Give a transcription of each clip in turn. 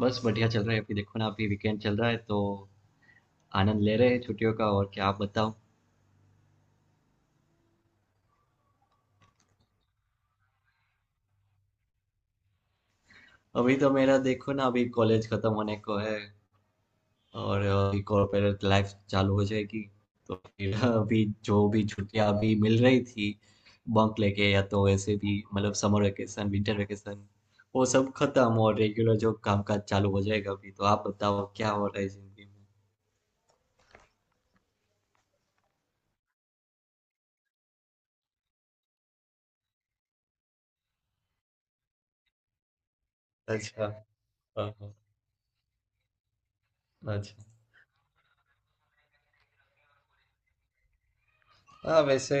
बस बढ़िया चल रहा है। अभी देखो ना, अभी वीकेंड चल रहा है तो आनंद ले रहे हैं छुट्टियों का। और क्या, आप बताओ। अभी तो मेरा देखो ना, अभी कॉलेज खत्म होने को है और अभी कॉर्पोरेट लाइफ चालू हो जाएगी। तो फिर अभी जो भी छुट्टियां अभी मिल रही थी बंक लेके या तो ऐसे भी, मतलब समर वेकेशन, विंटर वेकेशन, वो सब खत्म और रेगुलर जो कामकाज चालू हो जाएगा। अभी तो आप बताओ क्या हो रहा है जिंदगी में। अच्छा। हाँ, हाँ। अच्छा। हाँ वैसे।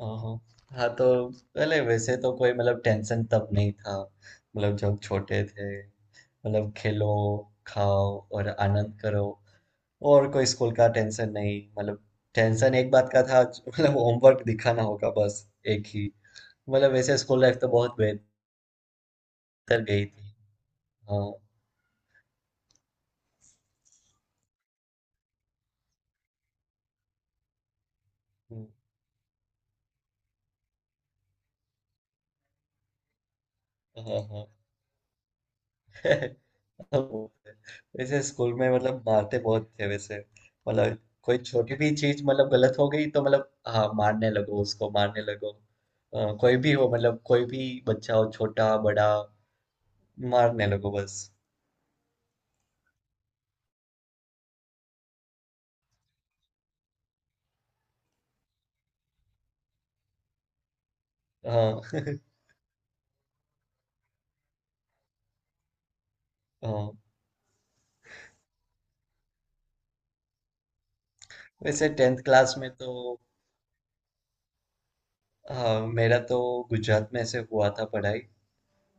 हाँ, हाँ, तो पहले वैसे तो कोई मतलब टेंशन तब नहीं था। मतलब जब छोटे थे, मतलब खेलो, खाओ और आनंद करो। और कोई स्कूल का टेंशन नहीं, मतलब टेंशन एक बात का था, मतलब होमवर्क दिखाना होगा बस, एक ही। मतलब वैसे स्कूल लाइफ तो बहुत बेहतर गई थी। हाँ। हम्म, हाँ, हाँ वो है। वैसे स्कूल में मतलब मारते बहुत थे वैसे। मतलब कोई छोटी भी चीज मतलब गलत हो गई तो मतलब हाँ, मारने लगो, उसको मारने लगो। कोई भी हो, मतलब कोई भी बच्चा हो, छोटा बड़ा, मारने लगो बस। हाँ हाँ, वैसे टेंथ क्लास में तो हाँ, मेरा तो गुजरात में से हुआ था पढ़ाई।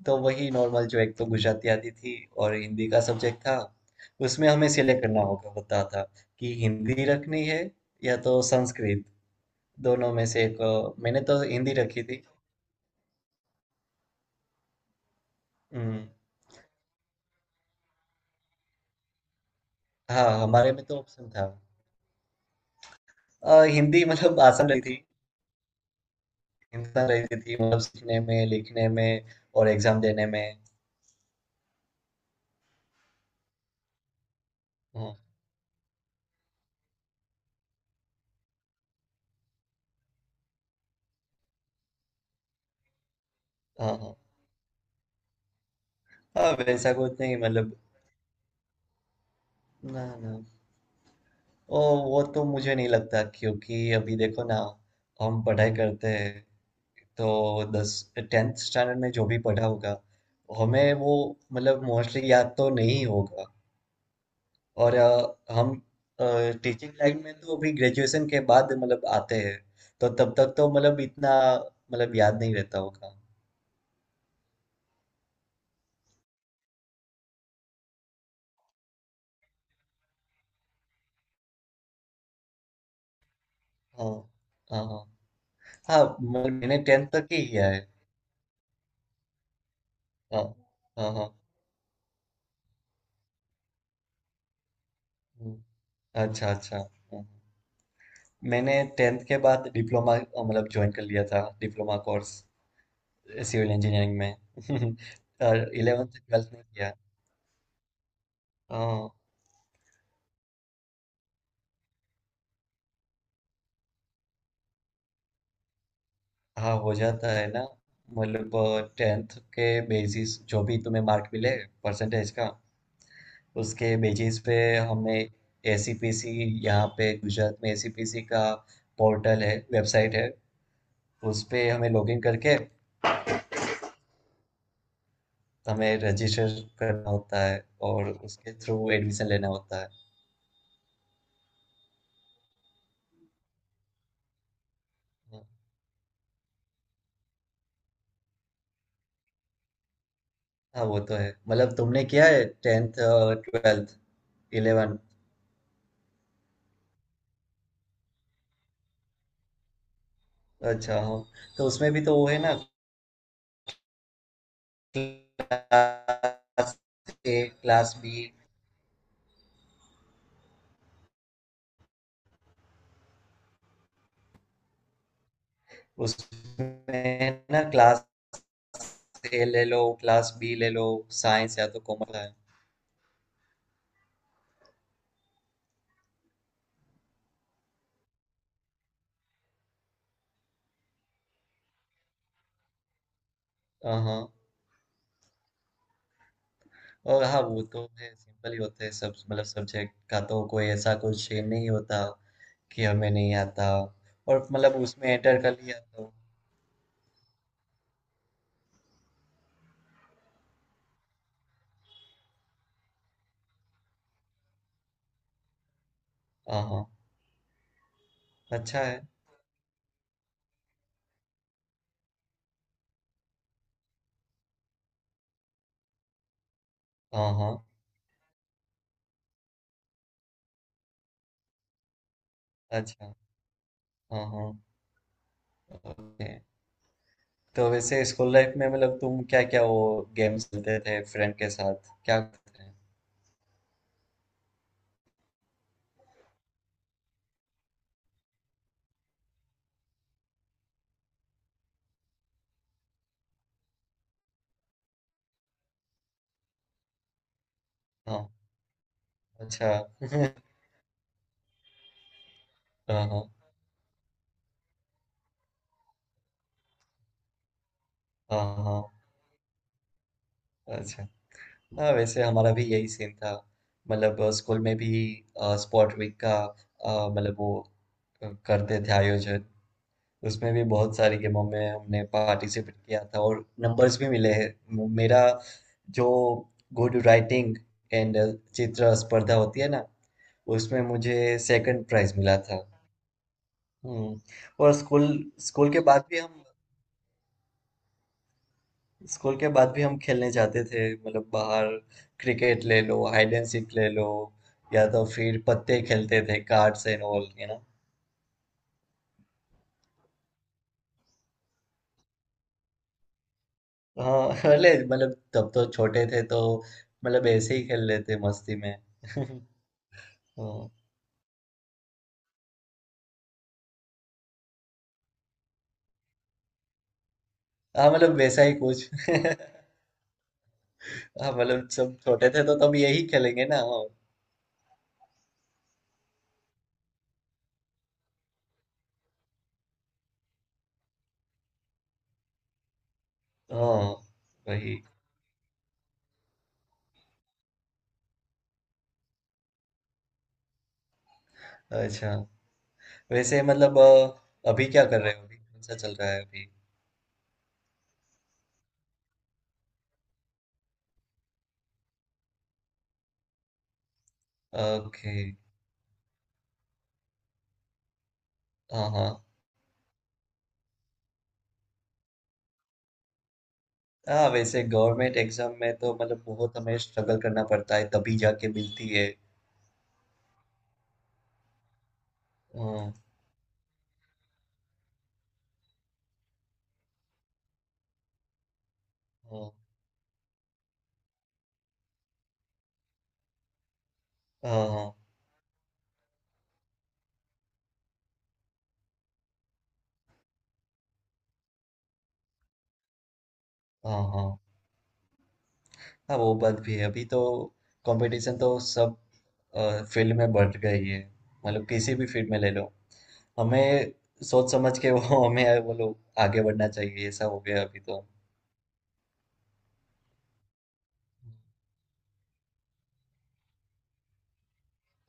तो वही नॉर्मल, जो एक तो गुजराती आती थी और हिंदी का सब्जेक्ट था। उसमें हमें सिलेक्ट करना होगा होता था कि हिंदी रखनी है या तो संस्कृत, दोनों में से एक। मैंने तो हिंदी रखी थी। हम्म। हाँ, हमारे में तो ऑप्शन था। हिंदी मतलब आसान रही थी, हिंदुस्तान रहती थी मतलब सीखने में, लिखने में और एग्जाम देने में। हाँ, हाँ। हाँ, हाँ, वैसा कुछ नहीं, मतलब ना ना, ओ वो तो मुझे नहीं लगता क्योंकि अभी देखो ना, हम पढ़ाई करते हैं तो दस टेंथ स्टैंडर्ड में जो भी पढ़ा होगा हमें वो मतलब मोस्टली याद तो नहीं होगा। और हम टीचिंग लाइन में तो अभी ग्रेजुएशन के बाद मतलब आते हैं तो तब तक तो मतलब इतना मतलब याद नहीं रहता होगा। हाँ, हाँ। हाँ, हाँ मतलब मैंने टेंथ तक ही किया है। हाँ, हाँ। हाँ। हम्म, अच्छा, अच्छा। हम्म। मैंने टेंथ के बाद डिप्लोमा मतलब ज्वाइन कर लिया था, डिप्लोमा कोर्स सिविल इंजीनियरिंग में और इलेवेंथ ट्वेल्थ में किया। हाँ, हाँ हो जाता है ना, मतलब टेंथ के बेसिस, जो भी तुम्हें मार्क मिले परसेंटेज का, उसके बेसिस पे हमें ACPC, यहाँ पे गुजरात में ACPC का पोर्टल है, वेबसाइट है। उस पे हमें लॉगिन करके हमें रजिस्टर करना होता है और उसके थ्रू एडमिशन लेना होता है। हाँ, वो तो है मतलब तुमने किया है टेंथ ट्वेल्थ इलेवन। अच्छा हाँ, तो उसमें भी तो वो है ना, क्लास A, क्लास B। उसमें ना, क्लास A ले लो, क्लास B ले लो, साइंस या तो कॉमर्स है। हाँ, और हाँ, वो तो है, सिंपल ही होते हैं सब, मतलब सब्जेक्ट का तो कोई ऐसा कुछ ये नहीं होता कि हमें नहीं आता और मतलब उसमें एंटर कर लिया तो। हाँ, हाँ। अच्छा है। हाँ, हाँ। अच्छा। हाँ, हाँ। ओके, तो वैसे स्कूल लाइफ में मतलब तुम क्या क्या वो गेम्स खेलते थे, फ्रेंड के साथ क्या करते थे? हाँ। अच्छा हाँ, हाँ। हाँ, हाँ। अच्छा। हाँ, वैसे हमारा भी यही सीन था। मतलब स्कूल में भी स्पोर्ट वीक का, मतलब वो, करते थे आयोजन। उसमें भी बहुत सारी गेमों में हमने पार्टिसिपेट किया था और नंबर्स भी मिले हैं। मेरा जो गुड राइटिंग एंड चित्र स्पर्धा होती है ना, उसमें मुझे सेकंड प्राइज मिला था। हम्म। और स्कूल, स्कूल के बाद भी हम, स्कूल के बाद भी हम खेलने जाते थे मतलब बाहर। क्रिकेट ले लो, हाइड एंड सीक ले लो, या तो फिर पत्ते खेलते थे, कार्ड्स एंड ऑल। हाँ अरे मतलब तब तो छोटे थे तो, मतलब ऐसे ही खेल लेते मस्ती में हाँ, हाँ, मतलब वैसा ही कुछ हाँ मतलब सब छोटे थे तो तब यही खेलेंगे ना, हाँ। हाँ, वही। अच्छा। वैसे मतलब अभी क्या कर रहे हो, अभी कौन सा चल रहा है अभी? ओके। हाँ, हाँ। हाँ, वैसे गवर्नमेंट एग्जाम में तो मतलब बहुत हमें स्ट्रगल करना पड़ता है, तभी जाके मिलती है। हाँ, हाँ। हाँ, हाँ। हाँ, हाँ। हाँ, वो बात भी है। अभी तो कंपटीशन तो सब फील्ड में बढ़ गई है, मतलब किसी भी फील्ड में ले लो हमें सोच समझ के वो, हमें वो लोग आगे बढ़ना चाहिए, ऐसा हो गया अभी तो।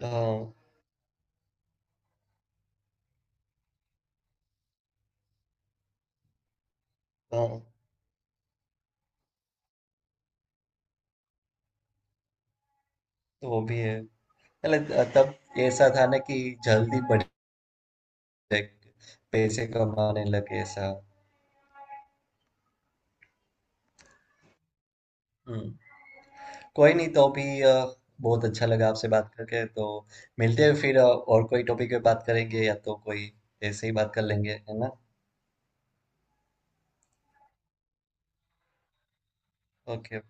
हाँ, हाँ, तो वो भी है मतलब तब ऐसा था ना कि जल्दी बढ़ जाए, पैसे कमाने लगे ऐसा। हम्म। कोई नहीं, तो अभी बहुत अच्छा लगा आपसे बात करके, तो मिलते हैं फिर और कोई टॉपिक पे बात करेंगे या तो कोई ऐसे ही बात कर लेंगे, है ना? ओके।